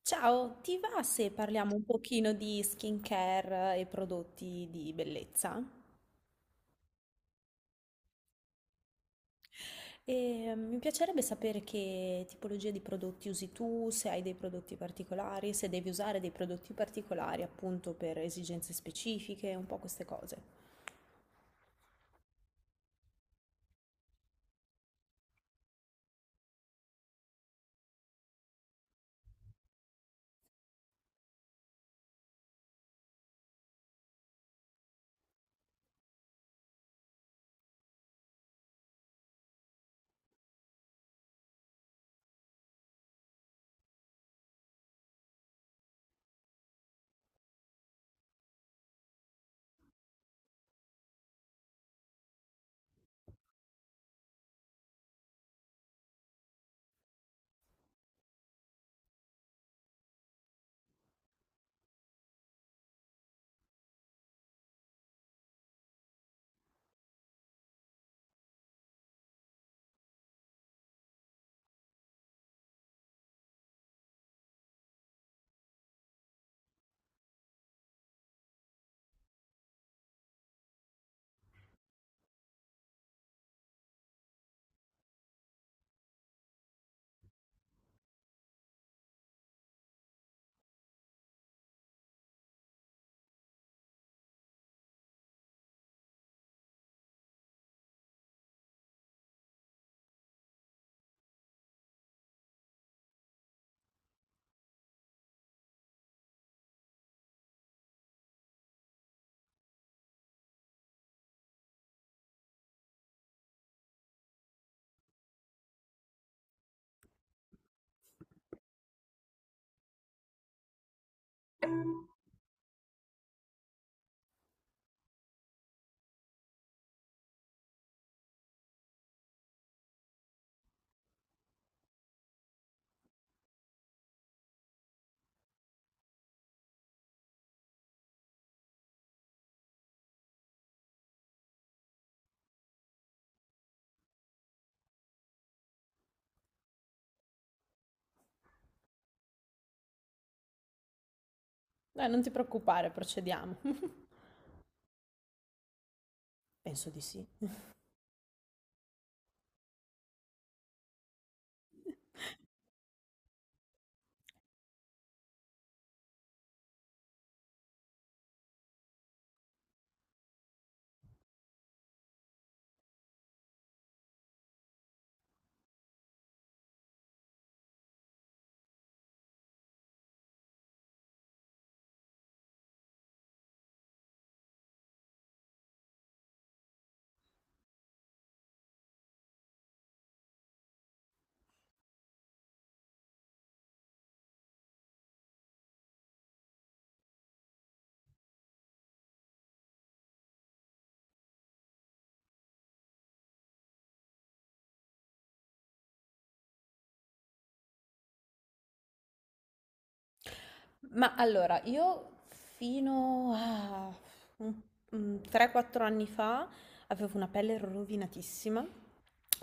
Ciao, ti va se parliamo un pochino di skincare e prodotti di bellezza? E, mi piacerebbe sapere che tipologia di prodotti usi tu, se hai dei prodotti particolari, se devi usare dei prodotti particolari appunto per esigenze specifiche, un po' queste cose. Dai, non ti preoccupare, procediamo. Penso di sì. Ma allora, io fino a un- un 3-4 anni fa avevo una pelle rovinatissima.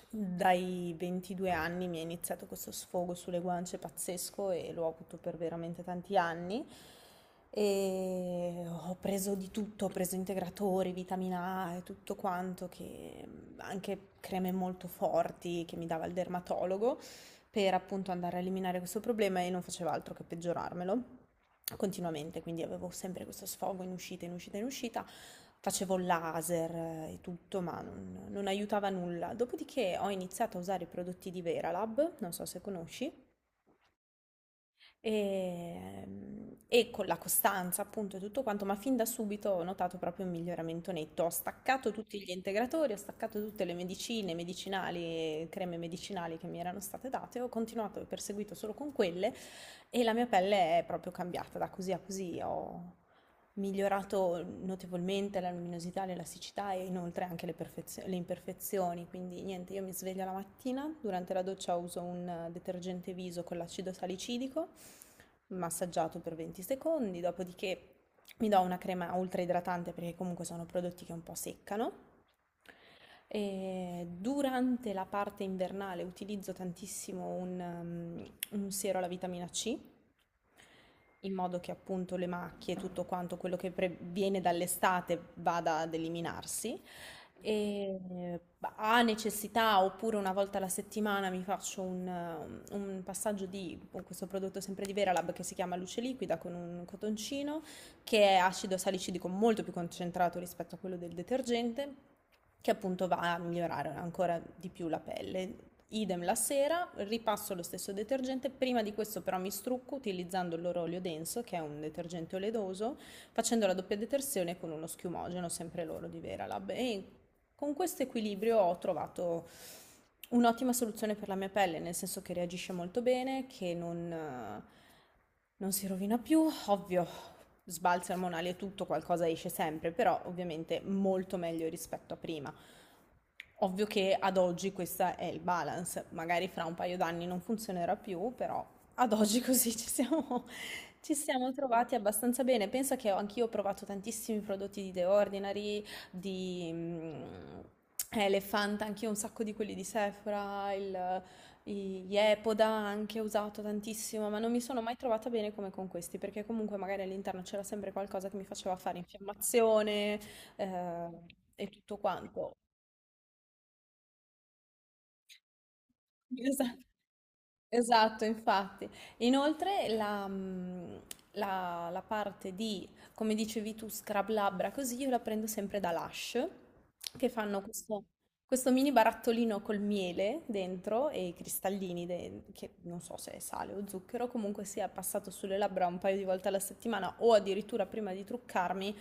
Dai 22 anni mi è iniziato questo sfogo sulle guance pazzesco e l'ho avuto per veramente tanti anni. E ho preso di tutto, ho preso integratori, vitamina A e tutto quanto, che anche creme molto forti che mi dava il dermatologo per appunto andare a eliminare questo problema e non faceva altro che peggiorarmelo continuamente, quindi avevo sempre questo sfogo in uscita, in uscita, in uscita, facevo laser e tutto, ma non aiutava nulla. Dopodiché ho iniziato a usare i prodotti di Veralab, non so se conosci, e, e con la costanza, appunto, e tutto quanto, ma fin da subito ho notato proprio un miglioramento netto. Ho staccato tutti gli integratori, ho staccato tutte le medicine, medicinali, creme medicinali che mi erano state date, ho continuato e perseguito solo con quelle, e la mia pelle è proprio cambiata da così a così. Ho migliorato notevolmente la luminosità, l'elasticità e inoltre anche le imperfezioni. Quindi niente, io mi sveglio la mattina, durante la doccia uso un detergente viso con l'acido salicidico massaggiato per 20 secondi, dopodiché mi do una crema ultra idratante perché comunque sono prodotti che un po' seccano. E durante la parte invernale utilizzo tantissimo un siero alla vitamina C in modo che appunto le macchie, tutto quanto quello che viene dall'estate vada ad eliminarsi. E ha necessità, oppure una volta alla settimana mi faccio un passaggio di con questo prodotto sempre di Veralab che si chiama Luce Liquida con un cotoncino, che è acido salicidico molto più concentrato rispetto a quello del detergente, che appunto va a migliorare ancora di più la pelle. Idem la sera, ripasso lo stesso detergente, prima di questo però mi strucco utilizzando l'orolio denso, che è un detergente oleoso, facendo la doppia detersione con uno schiumogeno, sempre loro di Veralab. E con questo equilibrio ho trovato un'ottima soluzione per la mia pelle, nel senso che reagisce molto bene, che non si rovina più, ovvio, sbalzi ormonali e tutto, qualcosa esce sempre, però ovviamente molto meglio rispetto a prima. Ovvio che ad oggi questo è il balance, magari fra un paio d'anni non funzionerà più, però ad oggi così ci siamo, ci siamo trovati abbastanza bene. Penso che anch'io ho provato tantissimi prodotti di The Ordinary, di Elephant, anch'io un sacco di quelli di Sephora, i- gli Epoda anche ho usato tantissimo, ma non mi sono mai trovata bene come con questi, perché comunque magari all'interno c'era sempre qualcosa che mi faceva fare infiammazione eh, e tutto quanto. Esa- Esatto, infatti. Inoltre la parte di, come dicevi tu, scrub labbra, così io la prendo sempre da Lush, che fanno questo mini barattolino col miele dentro e i cristallini, che non so se è sale o zucchero, comunque sia passato sulle labbra un paio di volte alla settimana o addirittura prima di truccarmi.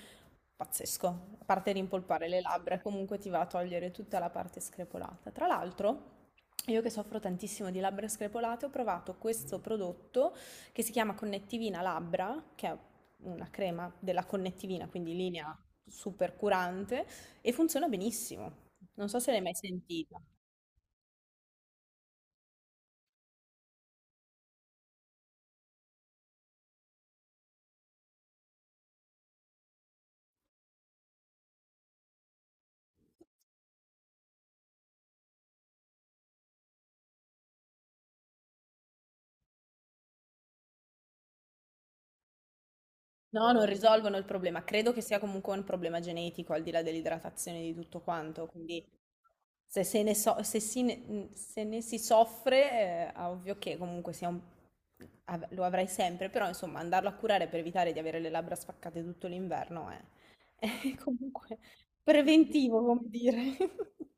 Pazzesco, a parte rimpolpare le labbra, comunque ti va a togliere tutta la parte screpolata. Tra l'altro, io che soffro tantissimo di labbra screpolate, ho provato questo prodotto che si chiama Connettivina Labbra, che è una crema della connettivina, quindi linea super curante, e funziona benissimo. Non so se l'hai mai sentita. No, non risolvono il problema. Credo che sia comunque un problema genetico, al di là dell'idratazione e di tutto quanto. Quindi se ne si soffre, è ovvio che comunque sia lo avrai sempre, però insomma andarlo a curare per evitare di avere le labbra spaccate tutto l'inverno è, è comunque preventivo, come dire.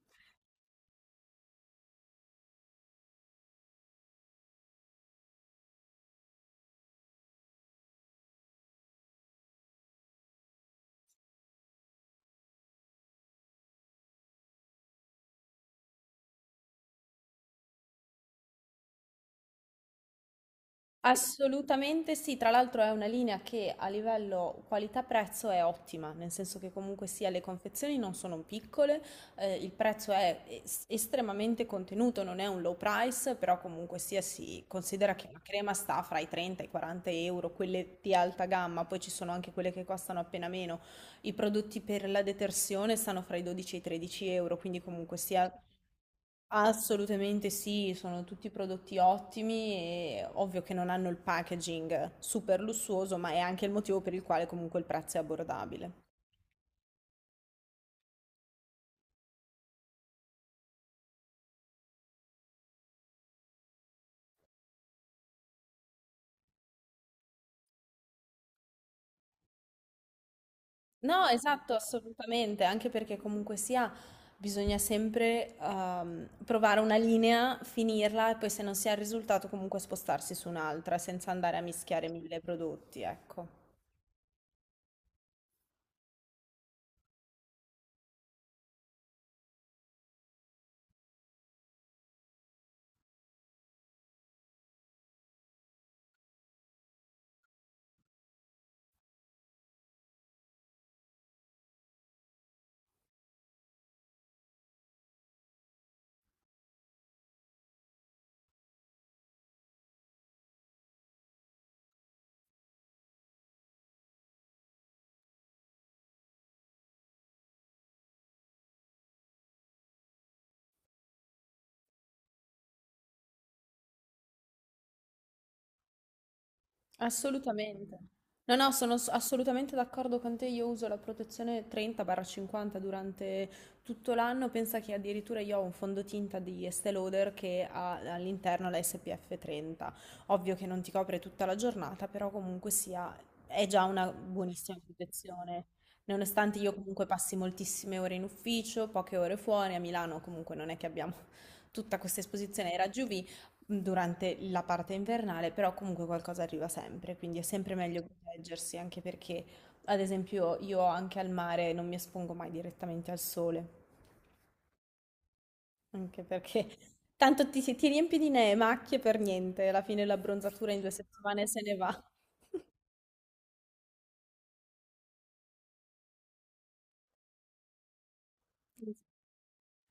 Assolutamente sì, tra l'altro è una linea che a livello qualità-prezzo è ottima, nel senso che comunque sia le confezioni non sono piccole, il prezzo è estremamente contenuto, non è un low price, però comunque sia si considera che la crema sta fra i 30 e i 40 euro, quelle di alta gamma, poi ci sono anche quelle che costano appena meno, i prodotti per la detersione stanno fra i 12 e i 13 euro, quindi comunque sia. Assolutamente sì, sono tutti prodotti ottimi e ovvio che non hanno il packaging super lussuoso, ma è anche il motivo per il quale comunque il prezzo è abbordabile. No, esatto, assolutamente, anche perché comunque sia bisogna sempre provare una linea, finirla e poi se non si ha il risultato comunque spostarsi su un'altra senza andare a mischiare mille prodotti, ecco. Assolutamente. No, no, sono assolutamente d'accordo con te. Io uso la protezione 30-50 durante tutto l'anno. Pensa che addirittura io ho un fondotinta di Estée Lauder che ha all'interno la SPF 30. Ovvio che non ti copre tutta la giornata, però comunque sia, è già una buonissima protezione. Nonostante io comunque passi moltissime ore in ufficio, poche ore fuori, a Milano comunque non è che abbiamo tutta questa esposizione ai raggi UV, durante la parte invernale, però comunque qualcosa arriva sempre, quindi è sempre meglio proteggersi, anche perché, ad esempio, io anche al mare non mi espongo mai direttamente al sole, anche perché tanto ti riempi di macchie per niente, alla fine l'abbronzatura in 2 settimane se ne va.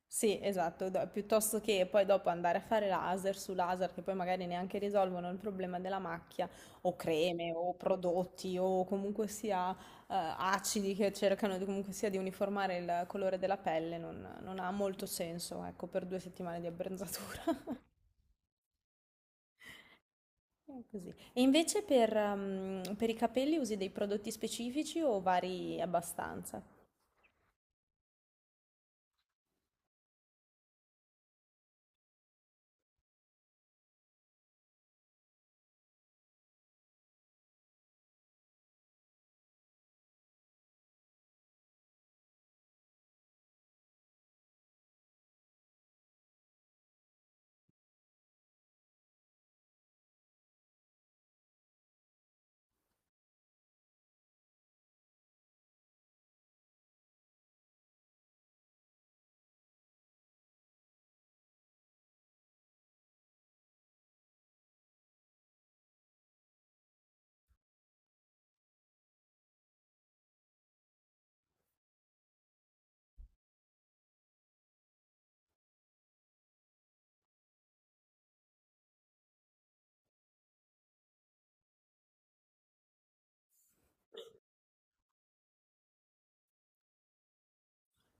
Sì, esatto, piuttosto che poi dopo andare a fare laser su laser che poi magari neanche risolvono il problema della macchia o creme o prodotti o comunque sia acidi che cercano di, comunque sia di uniformare il colore della pelle, non ha molto senso, ecco, per 2 settimane di abbronzatura. Così. E invece per i capelli usi dei prodotti specifici o vari abbastanza?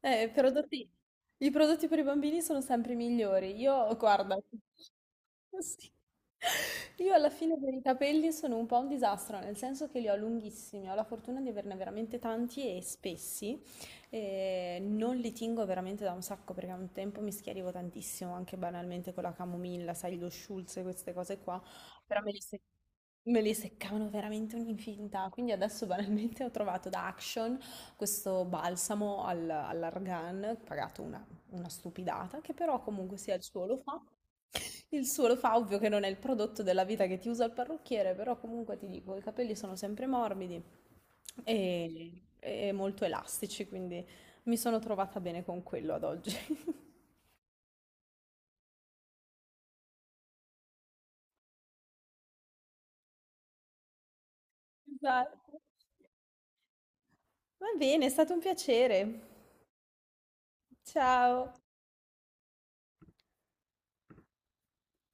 Eh, i prodotti i prodotti per i bambini sono sempre migliori. Io guarda sì. Io alla fine per i capelli sono un po' un disastro, nel senso che li ho lunghissimi, ho la fortuna di averne veramente tanti e spessi, e non li tingo veramente da un sacco perché a un tempo mi schiarivo tantissimo, anche banalmente con la camomilla, sai, lo Schulz e queste cose qua, però me li, se- me li seccavano veramente un'infinità, quindi adesso banalmente ho trovato da Action questo balsamo all'argan, pagato una stupidata, che però comunque sia il suo lo fa. Il suo lo fa, ovvio che non è il prodotto della vita che ti usa il parrucchiere, però comunque ti dico, i capelli sono sempre morbidi e molto elastici, quindi mi sono trovata bene con quello ad oggi. Esatto. Va bene, è stato un piacere. Ciao.